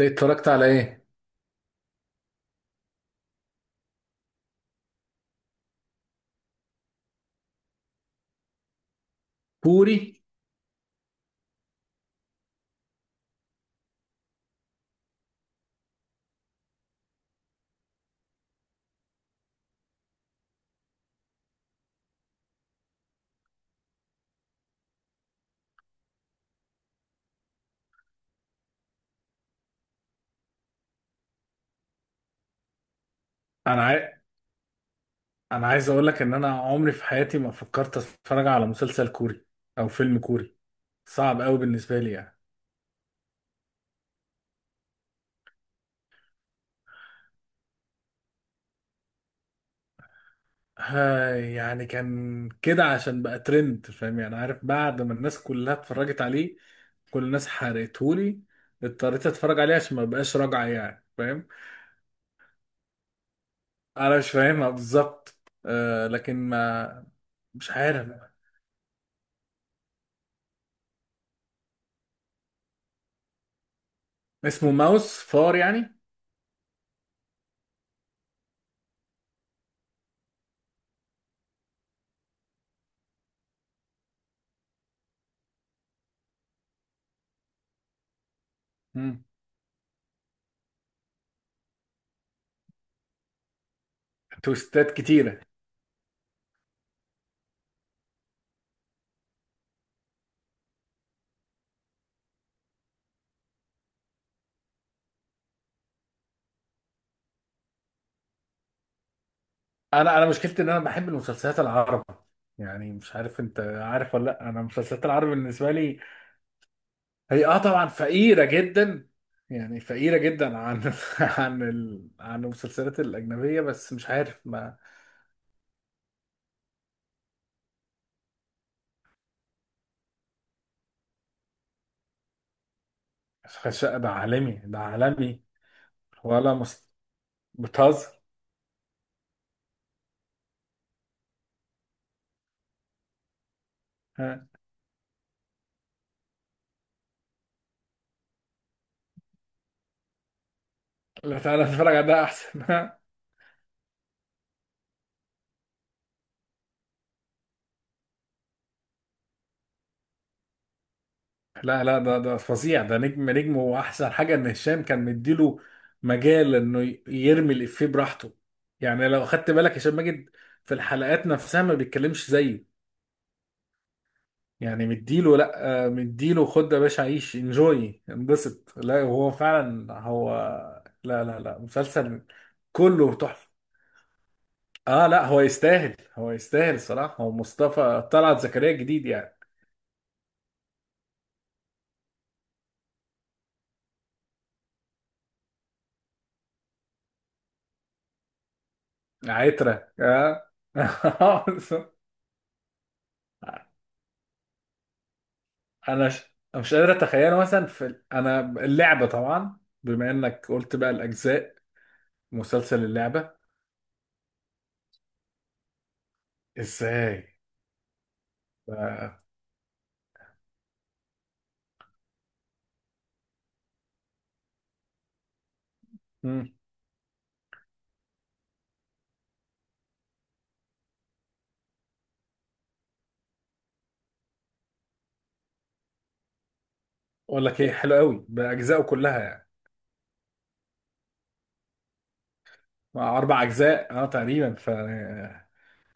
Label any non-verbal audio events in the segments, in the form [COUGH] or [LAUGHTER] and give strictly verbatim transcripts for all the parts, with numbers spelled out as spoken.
انت اتفرجت على ايه؟ كوري. انا عاي... انا عايز اقول لك ان انا عمري في حياتي ما فكرت اتفرج على مسلسل كوري او فيلم كوري. صعب قوي بالنسبه لي يعني. ها يعني كان كده عشان بقى ترند، فاهم يعني، عارف، بعد ما الناس كلها اتفرجت عليه كل الناس حرقته لي. اضطريت اتفرج عليه عشان ما بقاش راجعه يعني، فاهم. انا مش فاهمها بالظبط. آه لكن ما، مش عارف. اسمه ماوس، فار يعني. مم. تويستات كتيره. انا انا مشكلتي ان انا بحب المسلسلات العربي. يعني مش عارف انت عارف ولا لا، انا المسلسلات العربي بالنسبه لي هي اه طبعا فقيره جدا. يعني فقيره جدا عن [LAUGHS] عن ال... عن المسلسلات الاجنبيه، بس مش عارف ما. مش- ده عالمي، ده عالمي. ولا مست... بتهزر. ها، لا تعالى نتفرج على ده احسن. [LAUGHS] لا لا، ده ده فظيع، ده نجم نجم، واحسن حاجه ان هشام كان مديله مجال انه ي- يرمي الافيه براحته. يعني لو خدت بالك هشام ماجد في الحلقات نفسها ما بيتكلمش زيه. يعني مديله، لا آه، مديله خد يا باشا عيش انجوي انبسط. لا هو فعلا هو. لا لا لا، مسلسل كله تحفه. اه لا هو يستاهل، هو يستاهل الصراحه، هو مصطفى طلعت زكريا الجديد يعني. عترة اه. [LAUGHS] انا ش... أنا مش قادر اتخيله مثلا في ال- انا اللعبه طبعا، بما انك قلت بقى الاجزاء. مسلسل اللعبه. ازاي؟ ف- مم. اقول لك ايه، حلو قوي باجزائه كلها يعني. مع اربع اجزاء اه تقريبا ف.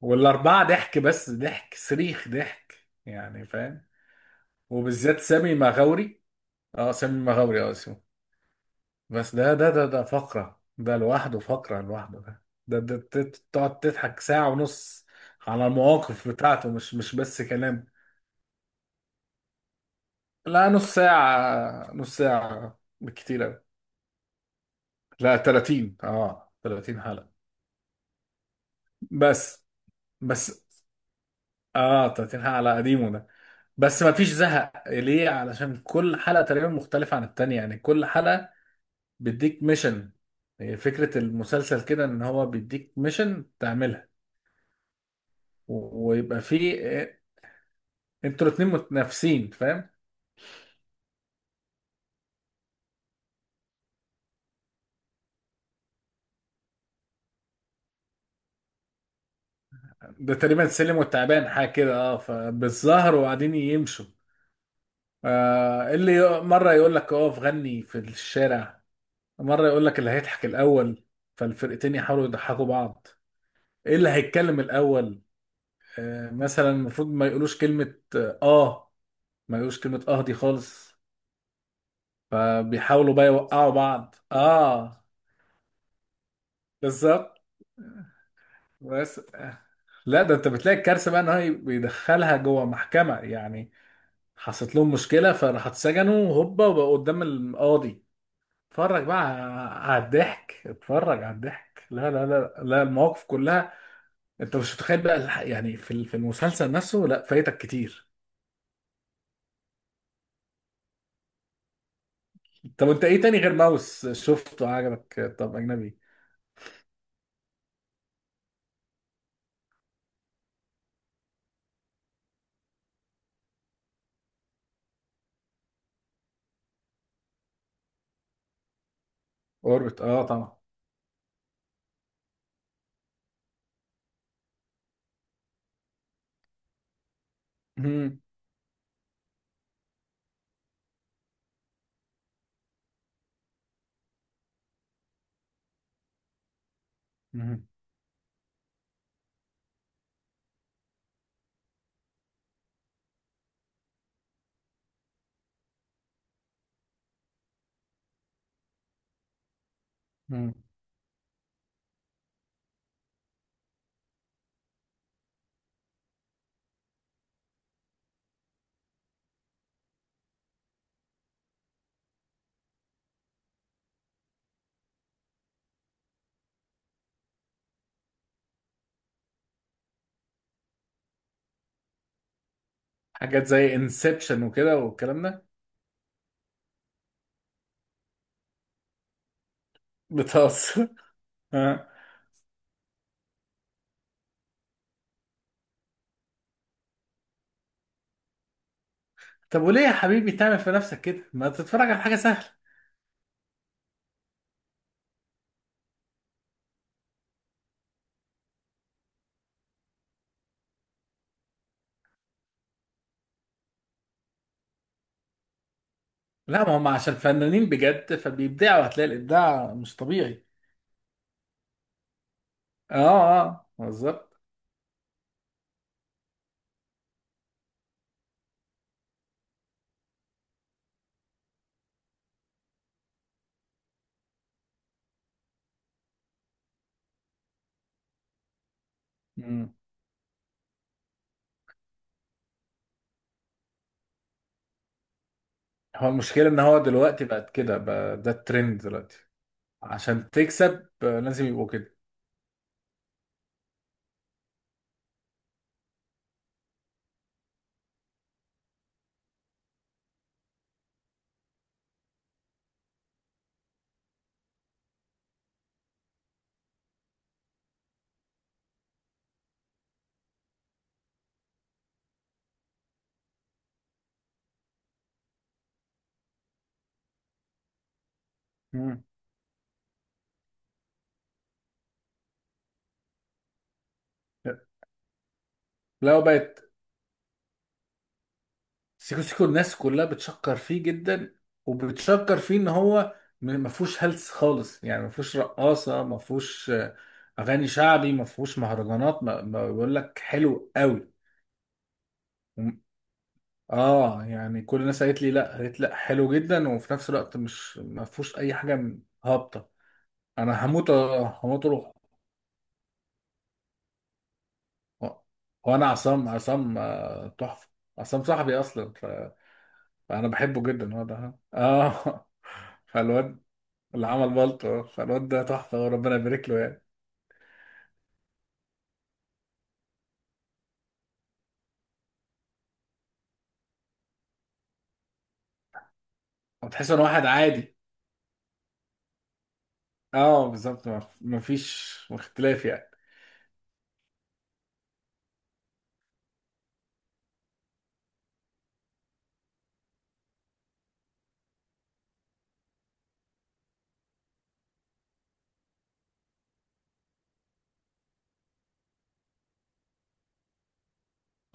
والاربعه ضحك، بس ضحك صريخ ضحك يعني، فاهم. وبالذات سامي مغاوري. اه سامي مغاوري، اه اسمه. بس ده ده ده ده فقرة، ده لوحده فقرة لوحده ده. ده, ده تت- تقعد تضحك ساعة ونص على المواقف بتاعته، مش مش بس كلام. لا نص ساعة، نص ساعة بالكتير أوي. لا ثلاثين، اه ثلاثين حلقة، بس بس اه ثلاثين حلقة على قديمه ده. بس ما فيش زهق ليه علشان كل حلقة تقريبا مختلفة عن التانية، يعني كل حلقة بيديك ميشن. فكرة المسلسل كده ان هو بيديك ميشن تعملها و- ويبقى فيه انتوا الاتنين متنافسين، فاهم. ده تقريبا السلم والتعبان حاجه كده، اه فبالظهر وقاعدين يمشوا. آه اللي ي- مره يقول لك اقف غني في الشارع، مره يقول لك اللي هيضحك الاول، فالفرقتين يحاولوا يضحكوا بعض. ايه اللي هيتكلم الاول. آه مثلا المفروض ما يقولوش كلمه اه، آه، ما يقولوش كلمه اه دي خالص. فبيحاولوا بقى يوقعوا بعض، اه. بالظبط. بس آه، لا ده انت بتلاقي الكارثه بقى ان هو بيدخلها جوه محكمه يعني. حصلت لهم مشكلة فراحوا اتسجنوا هوبا وبقوا قدام القاضي. اتفرج بقى على الضحك، اتفرج على الضحك. لا لا لا لا، المواقف كلها انت مش متخيل بقى الح- يعني في ال- في المسلسل نفسه، لا فايتك كتير. طب انت ايه تاني غير ماوس شفته عجبك؟ طب اجنبي. اوربت، اه طبعا. مهم. مهم. مهم. حاجات زي انسبشن وكده والكلام ده. [LAUGHS] بتهزر. آه. طب وليه يا حبيبي تعمل في نفسك كده، ما تتفرج على حاجة سهلة. لا، ما هم عشان فنانين بجد فبيبدعوا، هتلاقي الابداع مش طبيعي. اه اه بالظبط. مم. هو المشكله ان هو دلوقتي بقت كده بقى، ده الترند دلوقتي، عشان تكسب آه، لازم يبقوا كده. مم. لو بقت. سيكو سيكو الناس كلها بتشكر فيه جدا، وبتشكر فيه ان هو م- ما فيهوش هلس خالص، يعني ما فيهوش رقاصه، ما فيهوش آه، اغاني شعبي، ما فيهوش مهرجانات، ما ما بيقول لك حلو قوي. اه، يعني كل الناس قالت لي لا، قالت لا حلو جدا وفي نفس الوقت مش ما فيهوش اي حاجه م- هابطه. انا هموت آه، هموت اروح. آه. وانا عصام، عصام آه، تحفه. عصام صاحبي اصلا ف- فانا بحبه جدا، هو ده ها. اه. [LAUGHS] فالواد اللي عمل بلطو، فالواد ده تحفه وربنا يبارك له يعني. وتحس ان واحد عادي. اه بالظبط، ما ما فيش اختلاف يعني.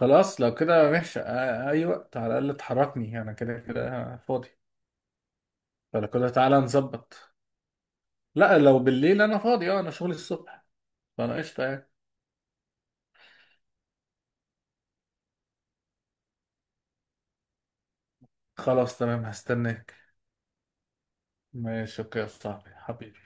خلاص لو كده ماشي، آه، اي وقت، على الاقل تحركني، انا كده كده فاضي. فلو كده تعالى نظبط. لا لو بالليل انا فاضي، اه انا شغلي الصبح، فانا قشطه يعني. خلاص تمام، هستناك. ماشي اوكي يا صاحبي حبيبي.